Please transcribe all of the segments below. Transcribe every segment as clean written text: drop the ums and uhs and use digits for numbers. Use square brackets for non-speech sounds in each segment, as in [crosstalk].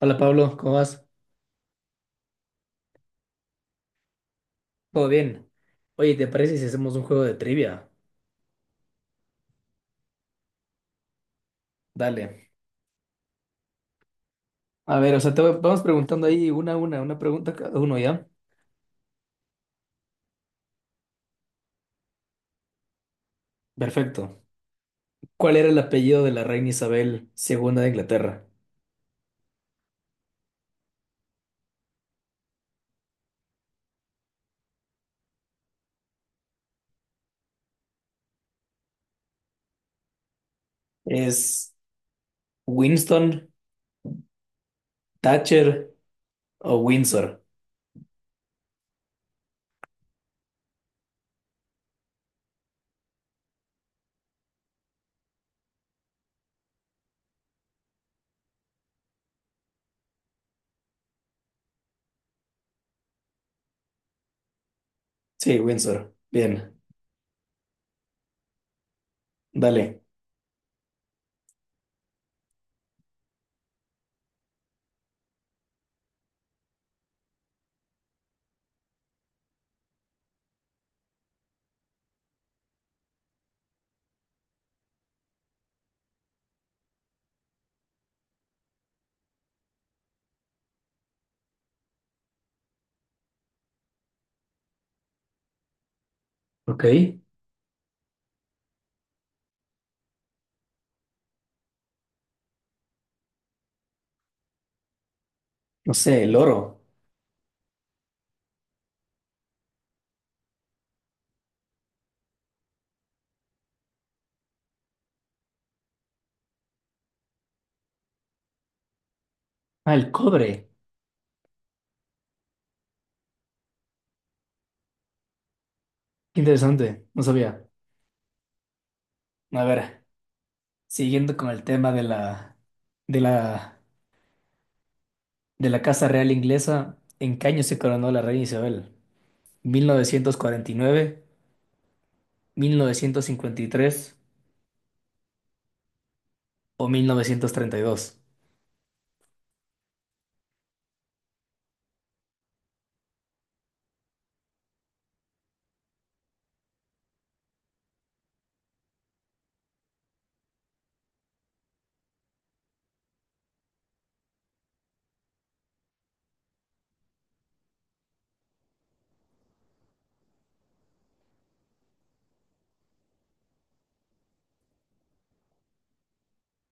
Hola Pablo, ¿cómo vas? ¿Todo bien? Oye, ¿te parece si hacemos un juego de trivia? Dale. A ver, o sea, vamos preguntando ahí una a una, una pregunta cada uno, ¿ya? Perfecto. ¿Cuál era el apellido de la reina Isabel segunda de Inglaterra? ¿Es Winston, Thatcher o Windsor? Sí, Windsor. Bien, dale. Ok. No sé, el oro. Ah, el cobre. Qué interesante, no sabía. A ver, siguiendo con el tema de la, de la Casa Real Inglesa, ¿en qué año se coronó la reina Isabel? ¿1949, 1953 o 1932?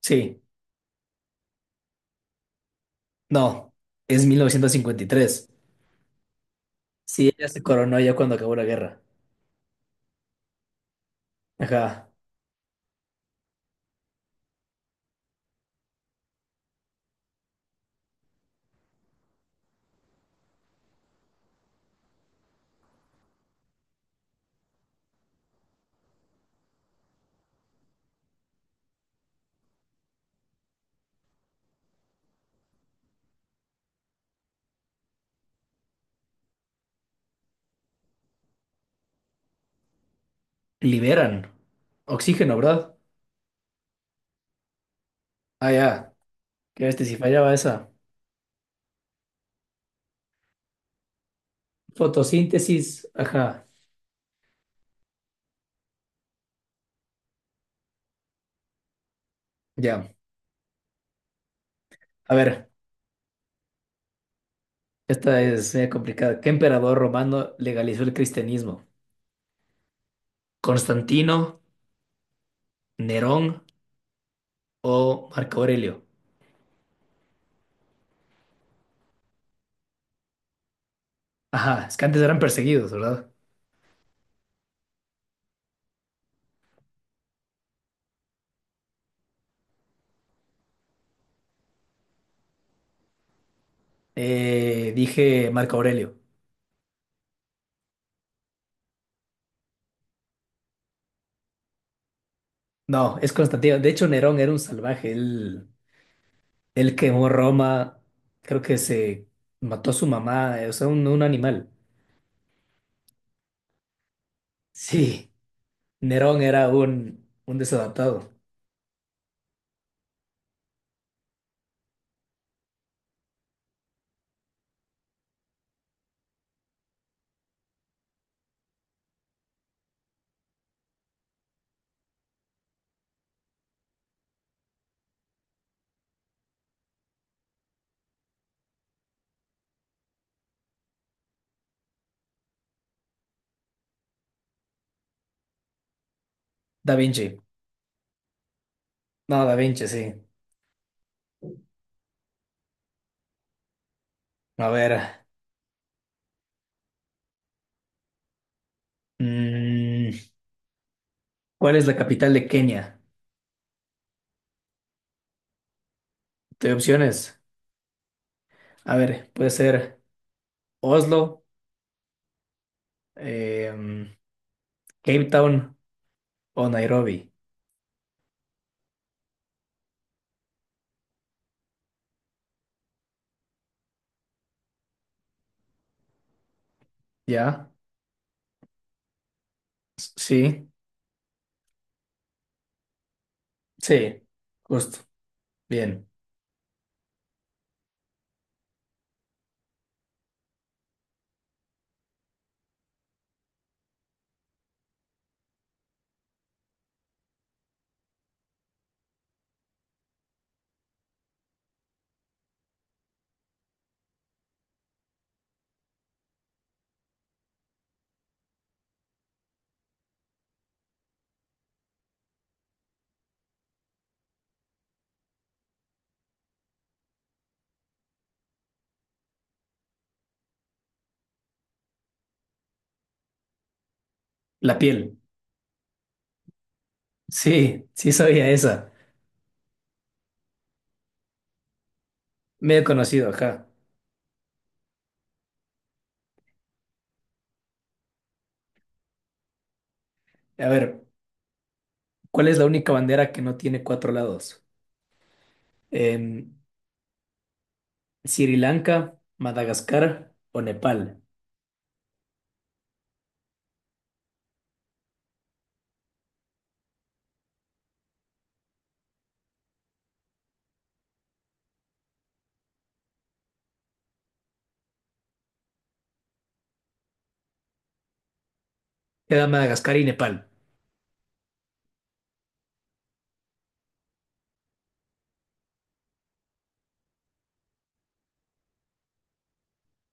Sí, no, es 1953. Sí, ella se coronó ya cuando acabó la guerra. Ajá, liberan oxígeno, ¿verdad? Ah, ya, que este si fallaba esa. Fotosíntesis, ajá, ya. A ver, esta es media complicada. ¿Qué emperador romano legalizó el cristianismo? ¿Constantino, Nerón o Marco Aurelio? Ajá, es que antes eran perseguidos, ¿verdad? Dije Marco Aurelio. No, es Constantino. De hecho, Nerón era un salvaje. Él quemó Roma. Creo que se mató a su mamá, o sea, un animal. Sí, Nerón era un desadaptado. Da Vinci. No, Da Vinci, sí. A ver. mm, ¿Cuál es la capital de Kenia? Te doy opciones. A ver, puede ser Oslo, em, Cape Town o Nairobi. Ya, sí, sí, justo, bien. La piel, sí, sí sabía esa. Medio conocido, ajá. A ver, ¿cuál es la única bandera que no tiene cuatro lados? Em, Sri Lanka, Madagascar o Nepal. Queda Madagascar y Nepal.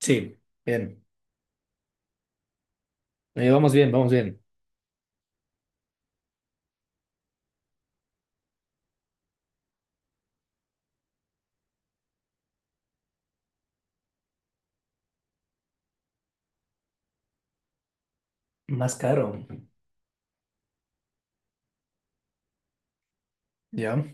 Sí, bien. Vamos bien, vamos bien. Más caro. Ya.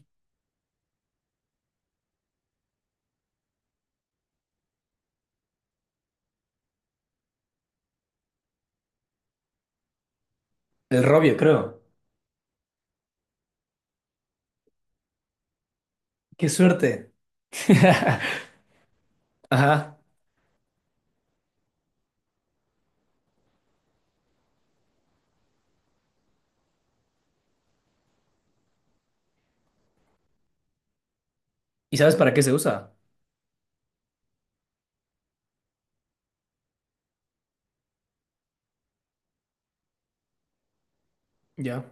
El robio, creo. Qué suerte. [laughs] Ajá. ¿Y sabes para qué se usa? Ya.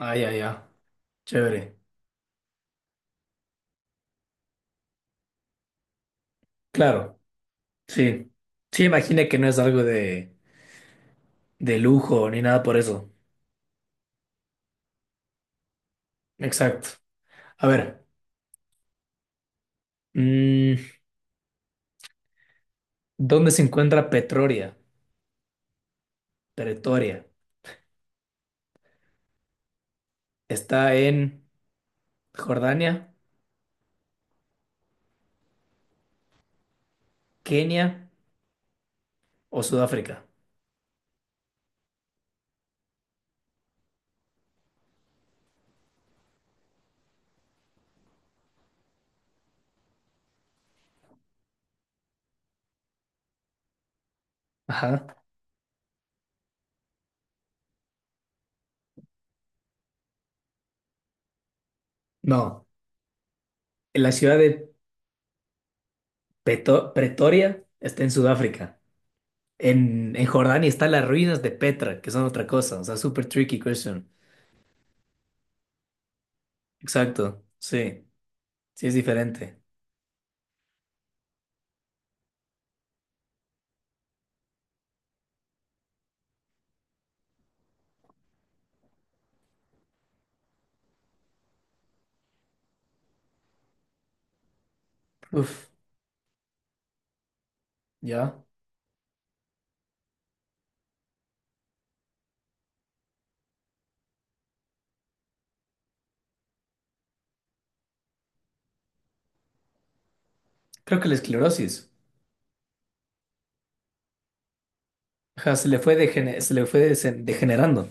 Ah, ya, ya. Chévere. Claro. Sí, sí, imagina que no es algo de lujo ni nada por eso. Exacto. A ver, mm, ¿dónde se encuentra Petroria? Pretoria. ¿Está en Jordania, Kenia o Sudáfrica? Ajá. No, la ciudad de Pretoria está en Sudáfrica. En Jordania están las ruinas de Petra, que son otra cosa. O sea, super tricky question. Exacto, sí, sí es diferente. Uf, ya. Creo que la esclerosis. Ajá, se le fue, degene- se le fue desen- degenerando.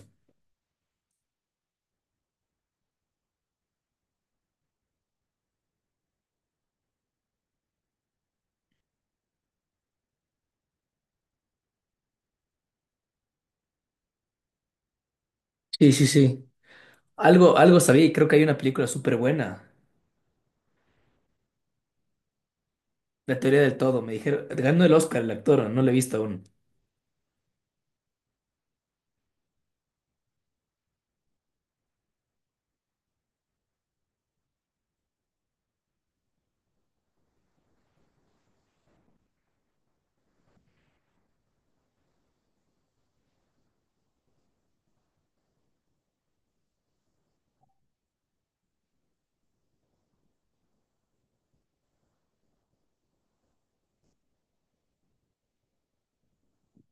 Sí, sí, sí. Algo, algo sabía y creo que hay una película súper buena. La teoría del todo. Me dijeron, ganó el Oscar el actor, no lo he visto aún.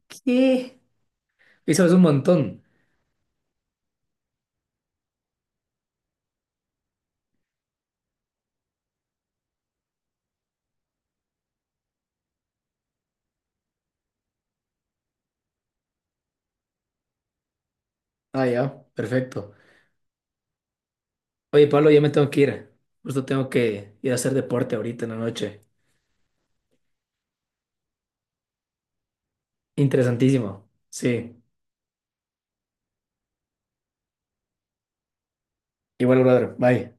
¿Qué? Y sabes un montón. Ah, ya, perfecto. Oye, Pablo, ya me tengo que ir. Justo tengo que ir a hacer deporte ahorita en la noche. Interesantísimo. Sí. Igual, brother. Bye.